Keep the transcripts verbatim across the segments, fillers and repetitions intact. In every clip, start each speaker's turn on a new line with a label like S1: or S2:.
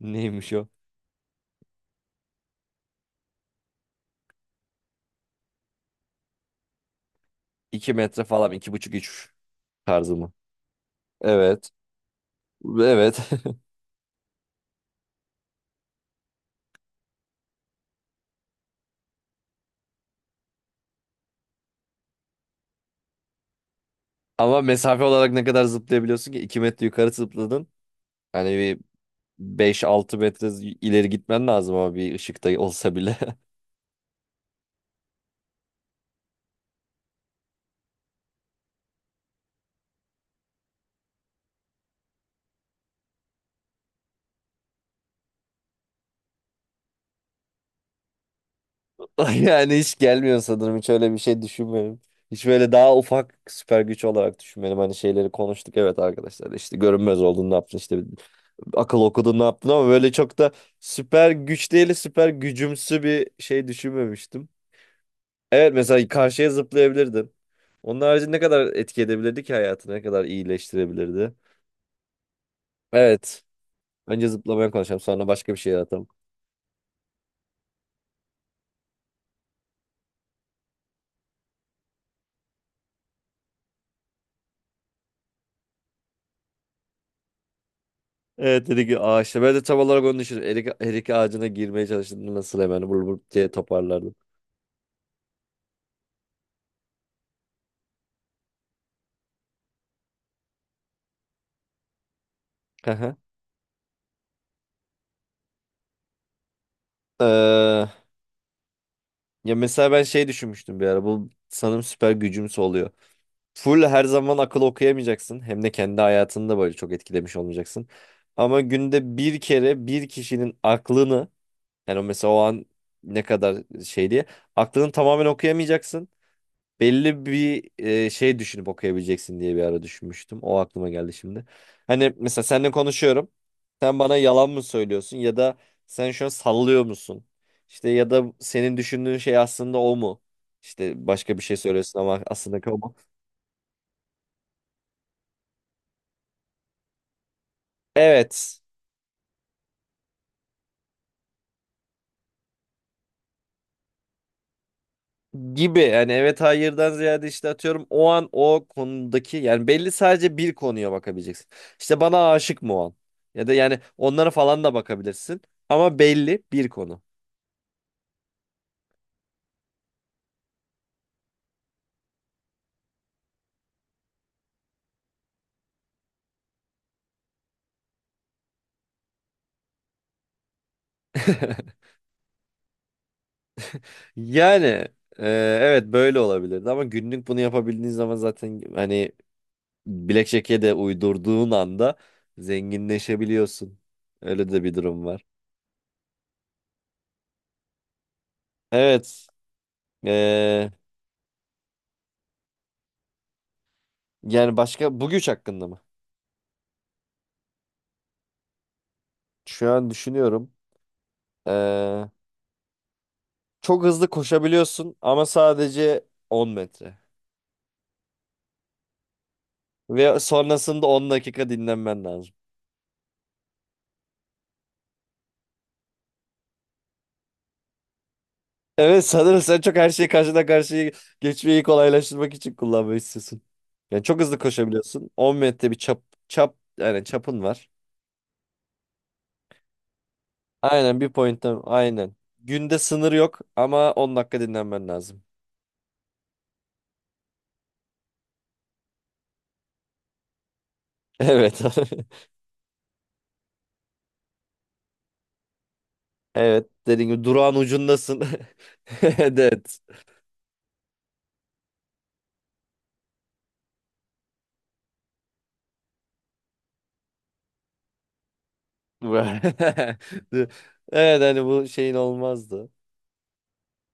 S1: Neymiş o? iki metre falan, iki buçuk üç tarzı mı? Evet. Evet. Ama mesafe olarak ne kadar zıplayabiliyorsun ki? iki metre yukarı zıpladın. Hani bir beş altı metre z- ileri gitmen lazım ama bir ışıkta olsa bile. Yani hiç gelmiyor sanırım. Hiç öyle bir şey düşünmedim. Hiç böyle daha ufak süper güç olarak düşünmedim. Hani şeyleri konuştuk, evet arkadaşlar. İşte görünmez oldun ne yaptın, İşte akıl okudun ne yaptın, ama böyle çok da süper güç değil, süper gücümsü bir şey düşünmemiştim. Evet, mesela karşıya zıplayabilirdin. Onun harici ne kadar etki edebilirdi ki hayatını, ne kadar iyileştirebilirdi. Evet. Önce zıplamaya konuşalım, sonra başka bir şey yaratalım. Evet, dedi ki ağaçta. Ben de tam olarak onu düşündüm. Erik, erik ağacına girmeye çalıştığımda nasıl hemen vur vur diye toparlardım. Hı hı. Ee, ya mesela ben şey düşünmüştüm bir ara. Bu sanırım süper gücümse oluyor. Full her zaman akıl okuyamayacaksın. Hem de kendi hayatını da böyle çok etkilemiş olmayacaksın. Ama günde bir kere bir kişinin aklını. Yani o mesela o an ne kadar şey diye. Aklını tamamen okuyamayacaksın. Belli bir e, şey düşünüp okuyabileceksin diye bir ara düşünmüştüm. O aklıma geldi şimdi. Hani mesela seninle konuşuyorum. Sen bana yalan mı söylüyorsun, ya da sen şu an sallıyor musun? İşte ya da senin düşündüğün şey aslında o mu? İşte başka bir şey söylüyorsun ama aslında o mu? Evet. Gibi, yani evet hayırdan ziyade işte atıyorum o an o konudaki, yani belli, sadece bir konuya bakabileceksin. İşte bana aşık mı o an? Ya da yani onlara falan da bakabilirsin, ama belli bir konu. Yani e, evet böyle olabilirdi, ama günlük bunu yapabildiğin zaman zaten hani Blackjack'e de uydurduğun anda zenginleşebiliyorsun. Öyle de bir durum var. Evet. e, Yani başka bu güç hakkında mı? Şu an düşünüyorum. E, Çok hızlı koşabiliyorsun ama sadece on metre. Ve sonrasında on dakika dinlenmen lazım. Evet sanırım sen çok her şeyi karşıdan karşıya geçmeyi kolaylaştırmak için kullanmayı istiyorsun. Yani çok hızlı koşabiliyorsun. on metre bir çap, çap yani çapın var. Aynen, bir pointten aynen. Günde sınır yok ama on dakika dinlenmen lazım. Evet. Evet, dediğim gibi durağın ucundasın. Evet. Bu- Evet hani bu şeyin olmazdı.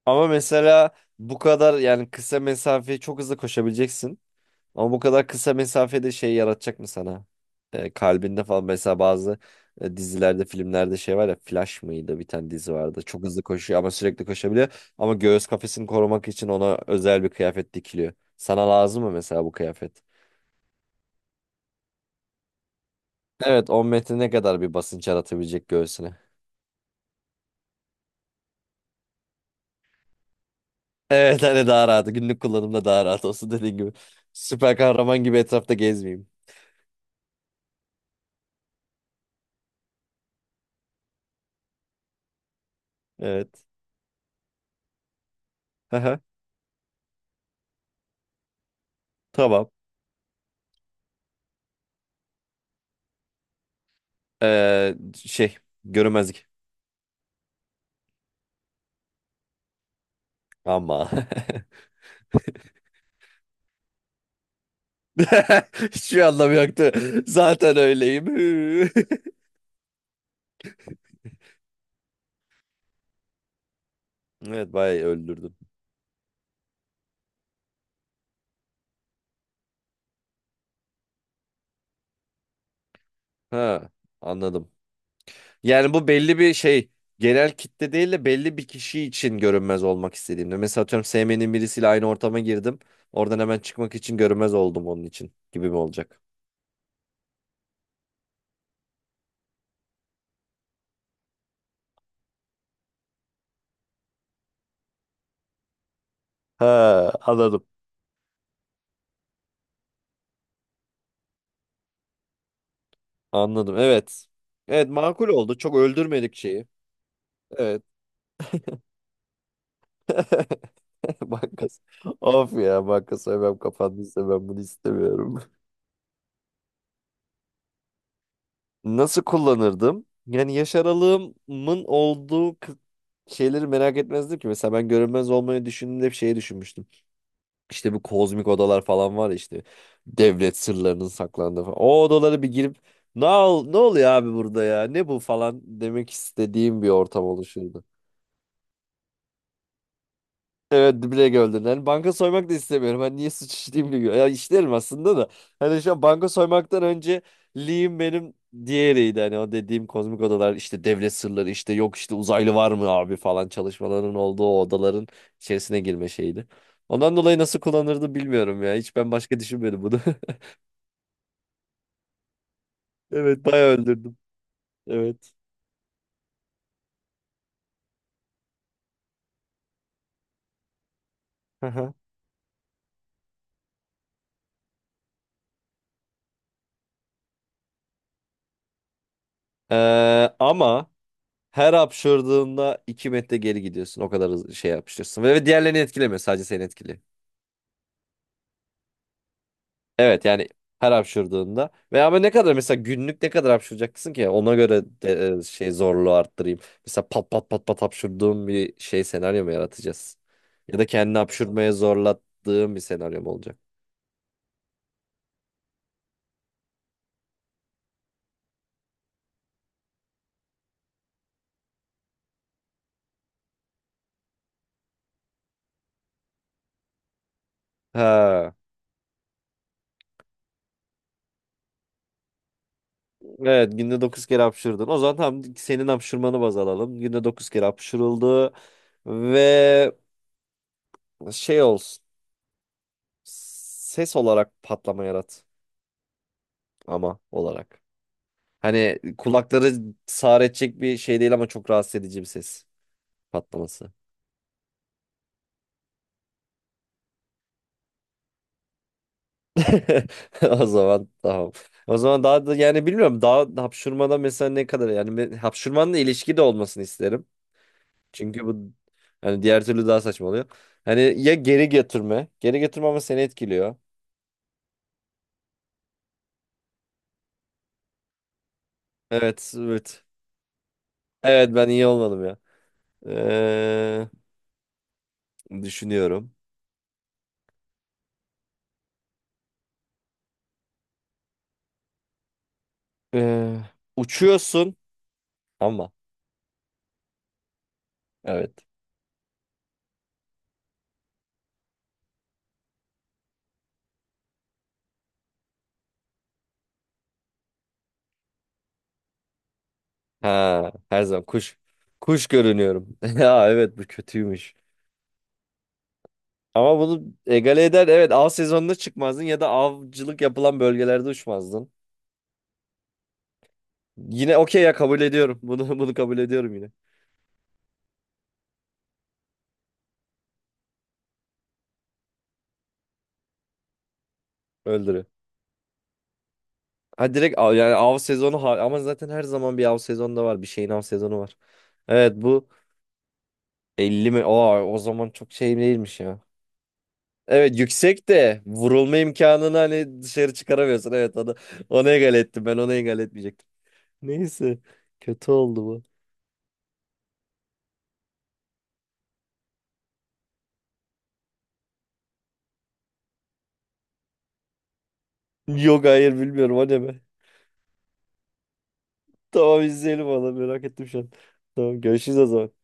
S1: Ama mesela bu kadar, yani kısa mesafeyi çok hızlı koşabileceksin. Ama bu kadar kısa mesafede şey yaratacak mı sana? E, kalbinde falan mesela bazı e, dizilerde, filmlerde şey var ya, Flash mıydı bir tane dizi vardı. Çok hızlı koşuyor, ama sürekli koşabiliyor. Ama göğüs kafesini korumak için ona özel bir kıyafet dikiliyor. Sana lazım mı mesela bu kıyafet? Evet, on metre ne kadar bir basınç yaratabilecek göğsüne? Evet hani daha rahat. Günlük kullanımda daha rahat olsun, dediğin gibi. Süper kahraman gibi etrafta gezmeyeyim. Evet. Tamam. Ee, şey görünmezlik. Ama hiçbir anlamı yoktu. Zaten öyleyim. Evet bayağı öldürdüm. Ha, anladım. Yani bu belli bir şey, genel kitle değil de belli bir kişi için görünmez olmak istediğimde. Mesela atıyorum sevmediğim birisiyle aynı ortama girdim. Oradan hemen çıkmak için görünmez oldum onun için, gibi mi olacak? Ha, anladım. Anladım evet. Evet makul oldu. Çok öldürmedik şeyi. Evet. Bankas. Of ya, banka soymam kapandıysa ben bunu istemiyorum. Nasıl kullanırdım? Yani yaş aralığımın olduğu kı- şeyleri merak etmezdim ki. Mesela ben görünmez olmayı düşündüğümde bir şey düşünmüştüm. İşte bu kozmik odalar falan var ya işte. Devlet sırlarının saklandığı falan. O odalara bir girip ne, ol- ne oluyor abi burada ya? Ne bu falan, demek istediğim bir ortam oluşurdu. Evet duble gördün. Hani banka soymak da istemiyorum. Hani niye suç işleyeyim diyor. Ya işlerim aslında da. Hani şu an banka soymaktan önce Lee'im benim diğeriydi. Hani o dediğim kozmik odalar işte, devlet sırları işte, yok işte uzaylı var mı abi falan çalışmaların olduğu o odaların içerisine girme şeydi. Ondan dolayı nasıl kullanırdı bilmiyorum ya. Hiç ben başka düşünmedim bunu. Evet bayağı öldürdüm. Evet. Aha. Ee, ama her hapşırdığında iki metre geri gidiyorsun. O kadar hızlı şey yapışıyorsun. Ve diğerlerini etkilemiyor. Sadece seni etkiliyor. Evet yani her hapşırdığında. Veya ben ne kadar mesela günlük ne kadar hapşıracaksın ki? Ona göre de, e, şey, zorluğu arttırayım. Mesela pat pat pat pat hapşırdığım bir şey, senaryo mu yaratacağız? Ya da kendini hapşırmaya zorlattığım bir senaryo mu olacak? Ha. Evet günde dokuz kere hapşırdın. O zaman tam senin hapşırmanı baz alalım. Günde dokuz kere hapşırıldı. Ve şey olsun. Ses olarak patlama yarat. Ama olarak. Hani kulakları sağır edecek bir şey değil, ama çok rahatsız edici bir ses patlaması. O zaman tamam. O zaman daha da yani bilmiyorum, daha hapşurmada mesela ne kadar, yani ben- hapşurmanın ilişki de olmasını isterim. Çünkü bu, hani diğer türlü daha saçma oluyor. Hani ya geri götürme. Geri götürme ama seni etkiliyor. Evet, evet. Evet ben iyi olmadım ya. Ee, düşünüyorum. Ee, uçuyorsun ama evet. Ha, her zaman kuş. Kuş görünüyorum. Ya evet, bu kötüymüş. Ama bunu egale eder. Evet av sezonunda çıkmazdın ya da avcılık yapılan bölgelerde uçmazdın. Yine okey ya, kabul ediyorum. Bunu bunu kabul ediyorum yine. Öldürü. Ha direkt av, yani av sezonu ha- ama zaten her zaman bir av sezonu da var. Bir şeyin av sezonu var. Evet bu elli mi? Aa, o zaman çok şey değilmiş ya. Evet yüksek de vurulma imkanını hani dışarı çıkaramıyorsun. Evet onu, onu egale ettim, ben onu egale etmeyecektim. Neyse. Kötü oldu bu. Yok hayır bilmiyorum anime. Tamam izleyelim valla, merak ettim şu an. Tamam görüşürüz o zaman.